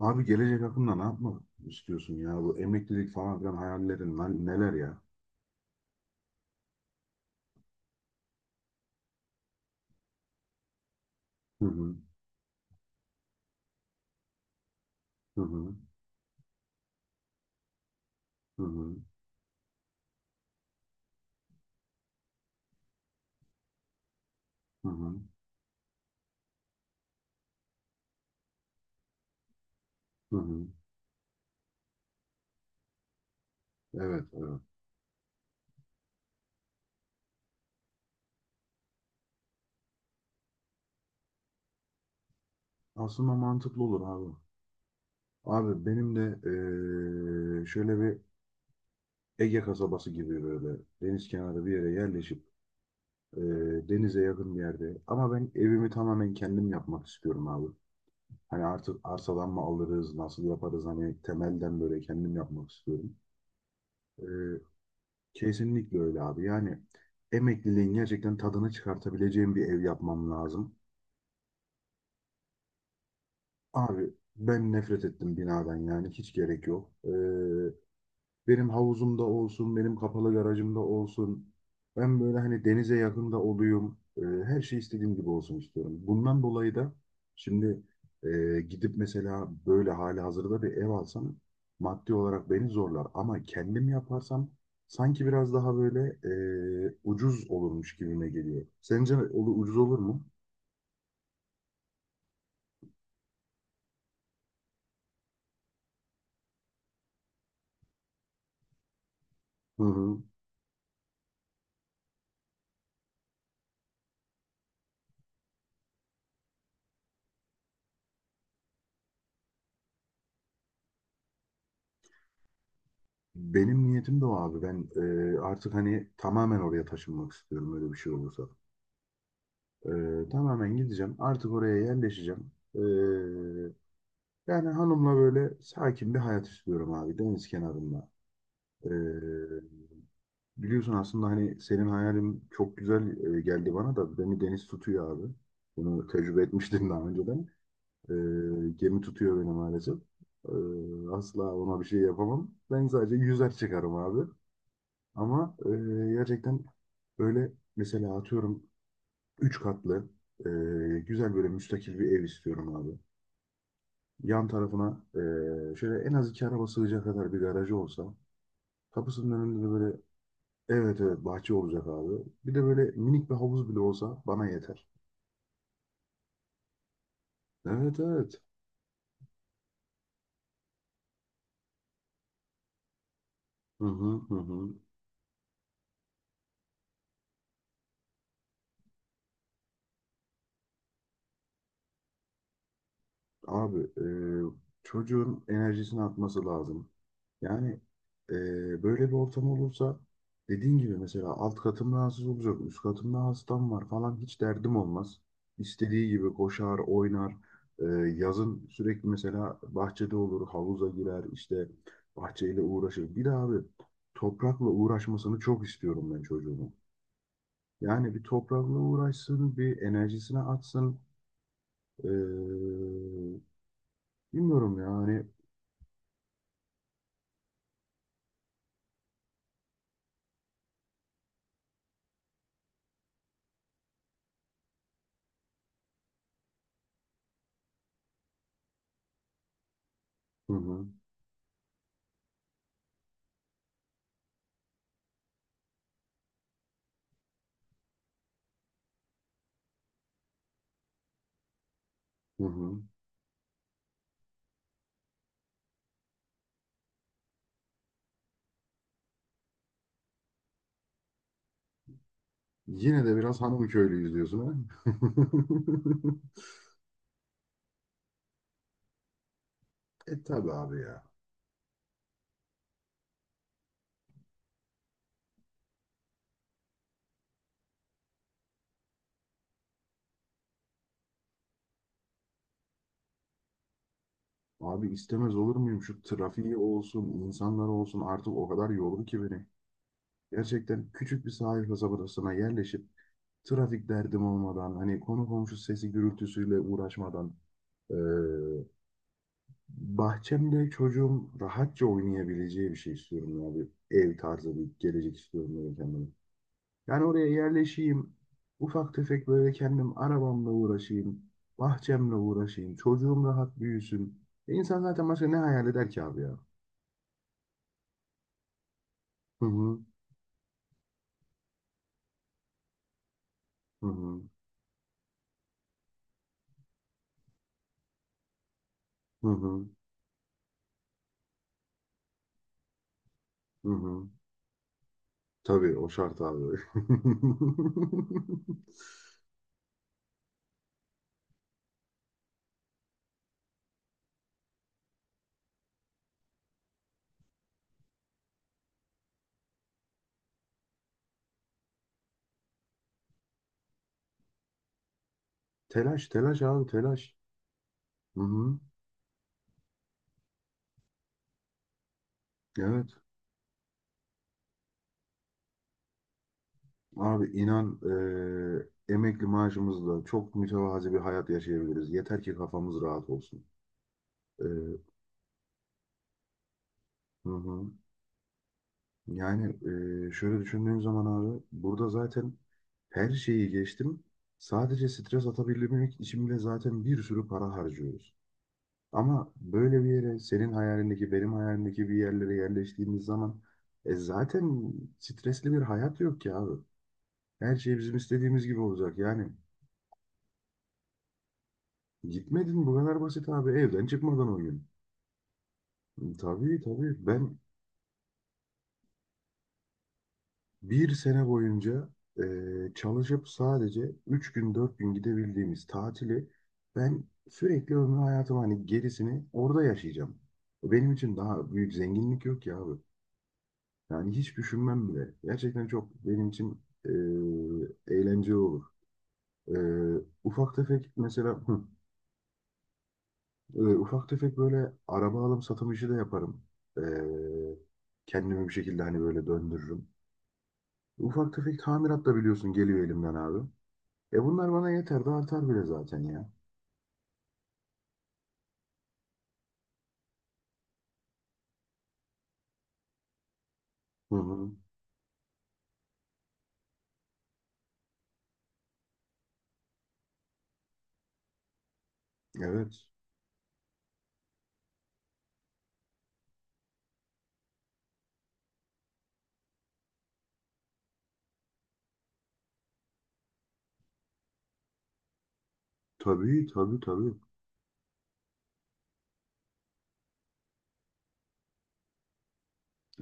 Abi gelecek hakkında ne yapmak istiyorsun ya? Bu emeklilik falan filan hayallerin lan neler ya? Hı hı, hı hı, hı hı, hı hı, hı hı. Evet, evet. Aslında mantıklı olur abi. Abi benim de şöyle bir Ege kasabası gibi böyle deniz kenarı bir yere yerleşip, denize yakın bir yerde. Ama ben evimi tamamen kendim yapmak istiyorum abi. Hani artık arsadan mı alırız, nasıl yaparız, hani temelden böyle kendim yapmak istiyorum. Kesinlikle öyle abi. Yani emekliliğin gerçekten tadını çıkartabileceğim bir ev yapmam lazım. Abi ben nefret ettim binadan, yani hiç gerek yok. Benim havuzumda olsun, benim kapalı garajımda olsun. Ben böyle hani denize yakında olayım. Her şey istediğim gibi olsun istiyorum. Bundan dolayı da şimdi gidip mesela böyle hali hazırda bir ev alsam maddi olarak beni zorlar. Ama kendim yaparsam sanki biraz daha böyle ucuz olurmuş gibime geliyor. Sence ucuz olur mu? Hı hı. Benim niyetim de o abi. Ben artık hani tamamen oraya taşınmak istiyorum öyle bir şey olursa. Tamamen gideceğim. Artık oraya yerleşeceğim. Yani hanımla böyle sakin bir hayat istiyorum abi. Deniz kenarında. Ee, Biliyorsun aslında hani senin hayalin çok güzel geldi bana da, beni deniz tutuyor abi. Bunu tecrübe etmiştim daha önceden. Gemi tutuyor beni maalesef. Asla ona bir şey yapamam. Ben sadece yüzer çıkarım abi. Ama gerçekten böyle mesela atıyorum üç katlı, e, güzel böyle müstakil bir ev istiyorum abi. Yan tarafına şöyle en az iki araba sığacak kadar bir garajı olsa. Kapısının önünde de böyle evet, evet, bahçe olacak abi. Bir de böyle minik bir havuz bile olsa bana yeter. Evet, evet. Hı hı, hı hı. Abi, çocuğun enerjisini atması lazım. Yani e, böyle bir ortam olursa dediğin gibi mesela alt katım rahatsız olacak, üst katımda hastam var falan, hiç derdim olmaz. İstediği gibi koşar, oynar. E, Yazın sürekli mesela bahçede olur, havuza girer, işte bahçeyle uğraşır. Bir de abi, toprakla uğraşmasını çok istiyorum ben çocuğumun. Yani bir toprakla uğraşsın, bir enerjisini atsın. E, Bilmiyorum yani. Hı hı, hı hı. Yine de biraz hanım köylüyüz diyorsun ha? E tabi abi ya. Abi istemez olur muyum? Şu trafiği olsun, insanlar olsun, artık o kadar yordu ki beni. Gerçekten küçük bir sahil kasabasına yerleşip, trafik derdim olmadan, hani konu komşu sesi gürültüsüyle uğraşmadan, eee, bahçemde çocuğum rahatça oynayabileceği bir şey istiyorum abi. Ev tarzı bir gelecek istiyorum böyle kendime. Yani oraya yerleşeyim. Ufak tefek böyle kendim arabamla uğraşayım. Bahçemle uğraşayım. Çocuğum rahat büyüsün. E insan zaten başka ne hayal eder ki abi ya? Hı hı. Hı hı. Hı hı. Hı hı. Tabii o şart abi. Telaş, telaş abi, telaş. Hı hı. Evet. Abi inan, emekli maaşımızla çok mütevazi bir hayat yaşayabiliriz. Yeter ki kafamız rahat olsun. E, hı hı. Yani şöyle düşündüğüm zaman abi, burada zaten her şeyi geçtim. Sadece stres atabilmek için bile zaten bir sürü para harcıyoruz. Ama böyle bir yere, senin hayalindeki benim hayalimdeki bir yerlere yerleştiğimiz zaman, zaten stresli bir hayat yok ki abi. Her şey bizim istediğimiz gibi olacak. Yani gitmedin, bu kadar basit abi, evden çıkmadan o gün. Tabii, tabii. Ben bir sene boyunca çalışıp sadece 3 gün 4 gün gidebildiğimiz tatili, ben sürekli ömrü hayatımı hani gerisini orada yaşayacağım. Benim için daha büyük zenginlik yok ya abi. Yani hiç düşünmem bile. Gerçekten çok benim için eğlenceli olur. E, ufak tefek mesela ufak tefek böyle araba alım satım işi de yaparım. E, kendimi bir şekilde hani böyle döndürürüm. Ufak tefek tamirat da biliyorsun geliyor elimden abi. E bunlar bana yeter de artar bile zaten ya. Hı hı. Evet. Tabii, tabii, tabii.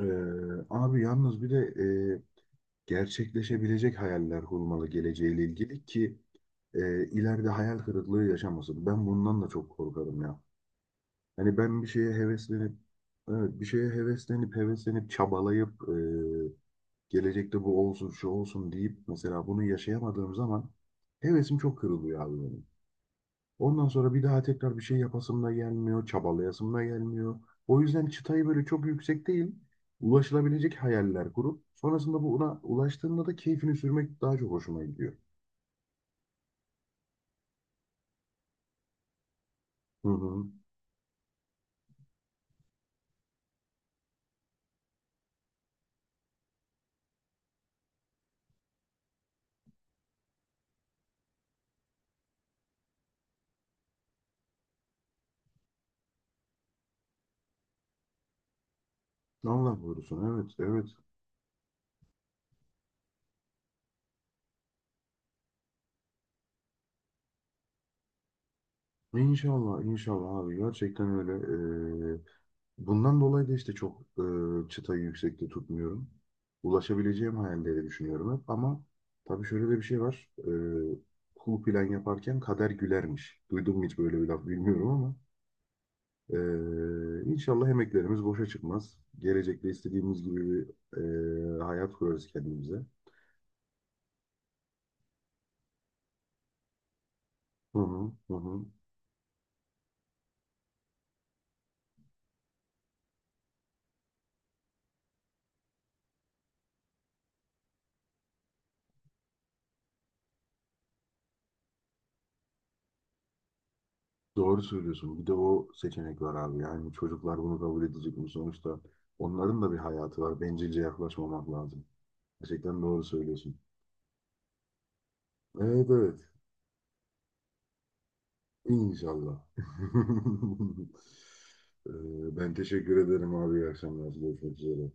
Abi yalnız bir de e, gerçekleşebilecek hayaller kurmalı geleceğiyle ilgili ki ileride hayal kırıklığı yaşamasın. Ben bundan da çok korkarım ya. Hani ben bir şeye heveslenip, evet, bir şeye heveslenip heveslenip çabalayıp, gelecekte bu olsun şu olsun deyip mesela bunu yaşayamadığım zaman, hevesim çok kırılıyor abi benim. Ondan sonra bir daha tekrar bir şey yapasım da gelmiyor, çabalayasım da gelmiyor. O yüzden çıtayı böyle çok yüksek değil, ulaşılabilecek hayaller kurup sonrasında buna ulaştığında da keyfini sürmek daha çok hoşuma gidiyor. Hı hı. Allah korusun. Evet, evet. İnşallah, inşallah abi. Gerçekten öyle. Bundan dolayı da işte çok çıtayı yüksekte tutmuyorum. Ulaşabileceğim hayalleri düşünüyorum hep. Ama tabii şöyle de bir şey var. E, kul plan yaparken kader gülermiş. Duydun mu hiç böyle bir laf bilmiyorum ama inşallah emeklerimiz boşa çıkmaz. Gelecekte istediğimiz gibi bir hayat kurarız kendimize. Hı hı, hı hı. Doğru söylüyorsun. Bir de o seçenek var abi. Yani çocuklar bunu kabul edecek mi? Sonuçta onların da bir hayatı var. Bencilce yaklaşmamak lazım. Gerçekten doğru söylüyorsun. Evet, evet. İnşallah. Ben teşekkür ederim abi. İyi akşamlar. Görüşmek üzere.